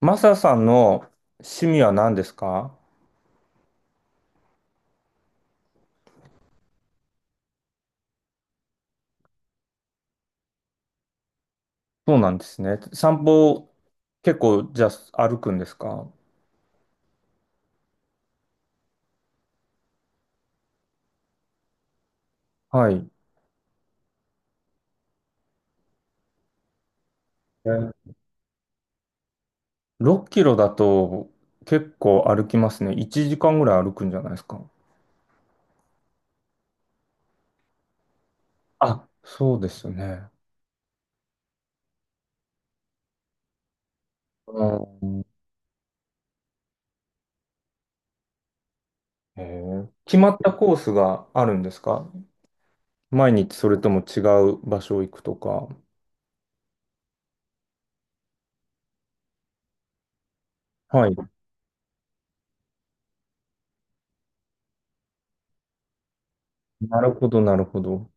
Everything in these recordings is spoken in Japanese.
マサさんの趣味は何ですか？そうなんですね。散歩、結構、じゃあ歩くんですか？はい。えー。6キロだと結構歩きますね。1時間ぐらい歩くんじゃないですか？あ、そうですよね。うん。へー。決まったコースがあるんですか？毎日それとも違う場所行くとか。はい。なるほど、なるほど。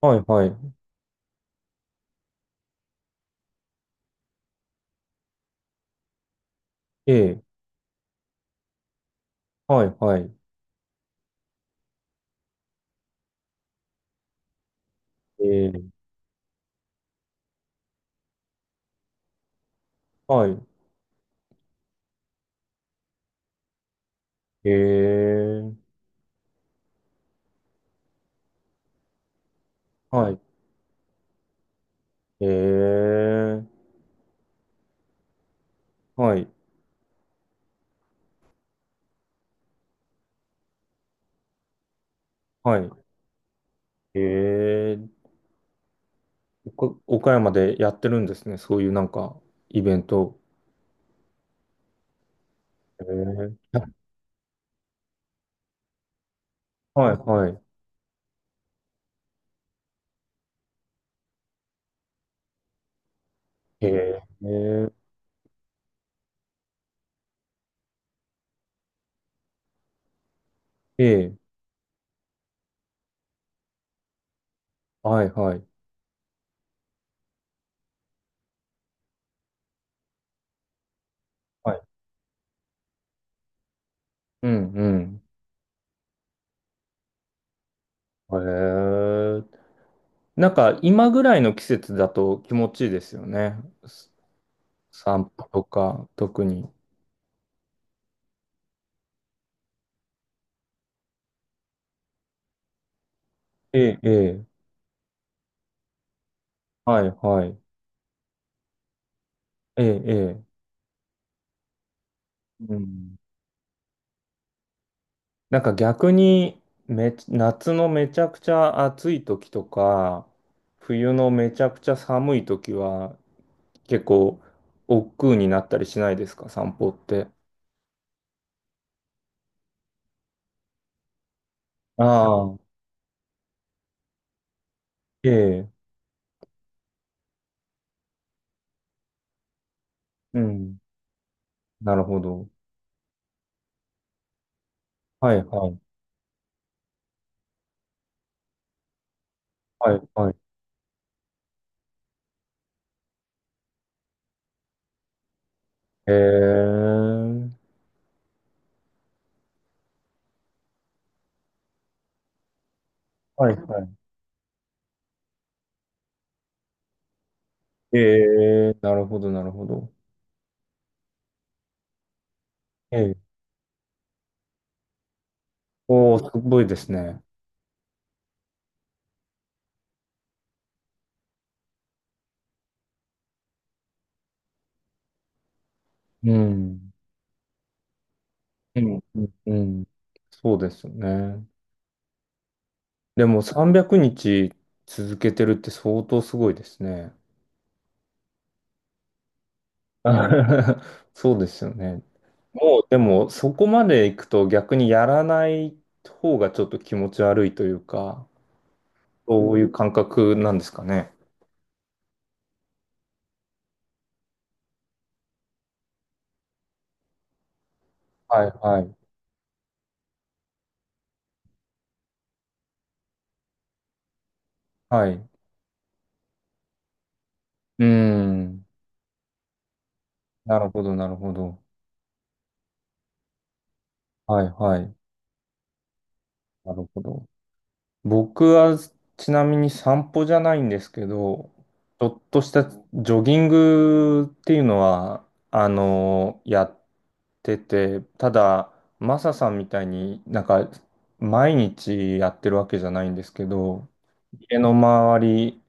はいはい。ええ。はいはい。ええ。はい。ええ。はい。ええ、はい、はい。ええ、岡山でやってるんですね。そういうなんか、イベント。ええ、はい、はい。ええ、ええ、はい、はい。はい。うん、うん。ええ、なんか、今ぐらいの季節だと気持ちいいですよね。す散歩とか、特に。ええ、ええ、はい、はい。ええ、ええ。うん。なんか逆に夏のめちゃくちゃ暑い時とか、冬のめちゃくちゃ寒い時は、結構、億劫になったりしないですか、散歩って。ああ、ええ、うん、なるほど。はいはい、はいはい。ええ、はいはい。ええ、なるほど、なるほど。ええ、おお、すごいですね。うん、うん、うん、うん。そうですよね。でも300日続けてるって相当すごいですね。そうですよね。もうでもそこまで行くと逆にやらない方がちょっと気持ち悪いというか、そういう感覚なんですかね。はいはい。はい。うーん。なるほどなるほど。はいはい。なるほど。僕はちなみに散歩じゃないんですけど、ちょっとしたジョギングっていうのは、やってて、ただ、マサさんみたいになんか毎日やってるわけじゃないんですけど、家の周り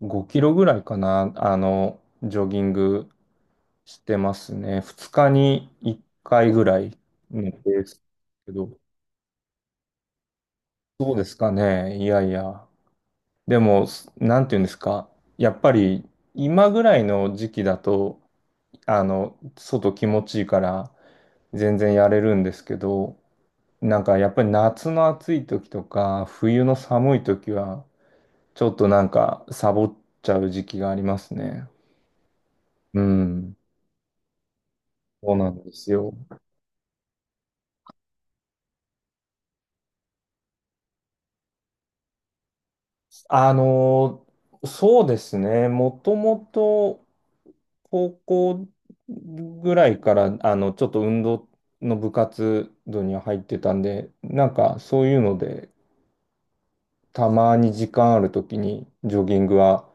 5キロぐらいかな、ジョギングしてますね。2日に1回ぐらいのペースですけど、そうですかね。いやいや。でも、なんていうんですか。やっぱり今ぐらいの時期だと、外気持ちいいから全然やれるんですけど、なんかやっぱり夏の暑い時とか冬の寒い時はちょっとなんかサボっちゃう時期がありますね。うん。そうなんですよ。あのそうですね。もともと高校ぐらいからちょっと運動の部活動には入ってたんで、なんかそういうのでたまに時間ある時にジョギングは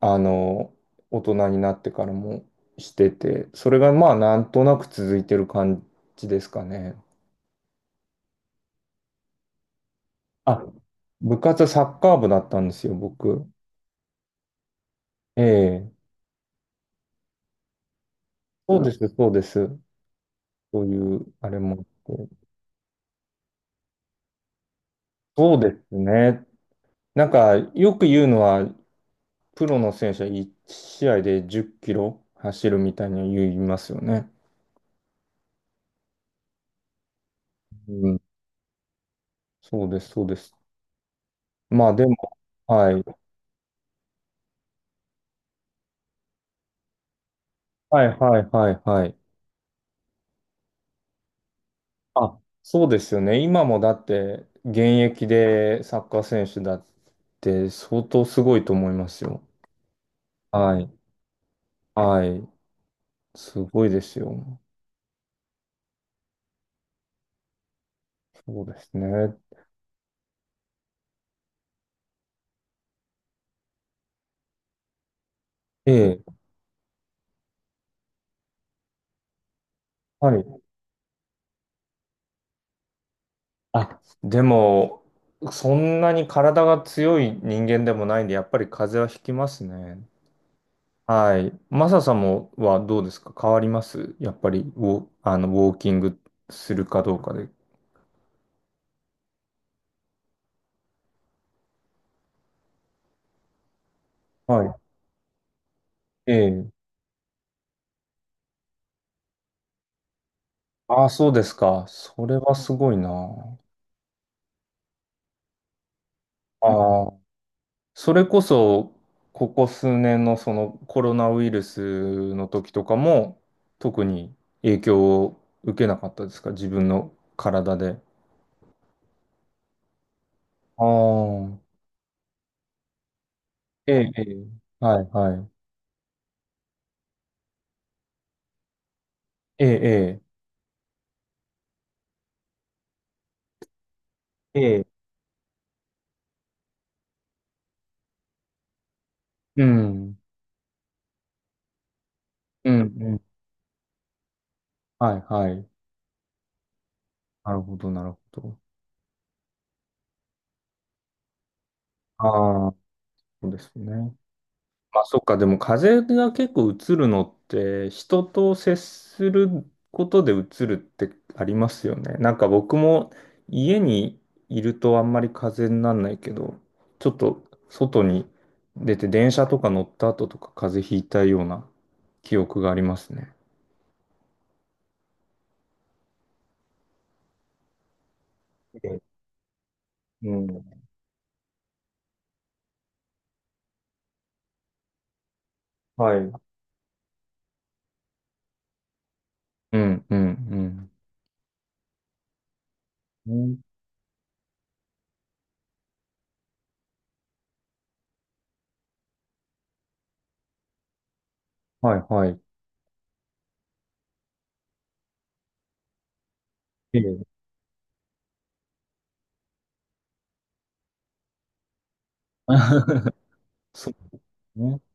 あの、大人になってからもしてて、それがまあなんとなく続いてる感じですかね。あ、部活はサッカー部だったんですよ、僕。ええ。そうです、そうです。そういう、あれもあって。そうですね。なんか、よく言うのは、プロの選手は1試合で10キロ走るみたいに言いますよね。うん。そうです、そうです。まあ、でも、はい。はい、はい、はい、はい。あ、そうですよね。今もだって現役でサッカー選手だって相当すごいと思いますよ。はい。はい。すごいですよ。そうですね。ええ。はい。あ、でも、そんなに体が強い人間でもないんで、やっぱり風邪はひきますね。はい。マサさんもはどうですか？変わりますやっぱりウォーキングするかどうかで。はい。ええ。ああ、そうですか。それはすごいな。ああ、それこそ、ここ数年のそのコロナウイルスの時とかも、特に影響を受けなかったですか？自分の体で。ああ、ええ、ええ、はい、はい。ええ、ええ、ええ、うん、うん、うん。はい、はい。なるほど、なるほど。ああ、そうですね。まあそっか、でも風邪が結構うつるのって人と接することでうつるってありますよね。なんか僕も家にいるとあんまり風邪にならないけど、ちょっと外に出て電車とか乗った後とか風邪ひいたような記憶がありますね。え、うん。はい。うん、うん、うん。うん。はいはい。ええ そうね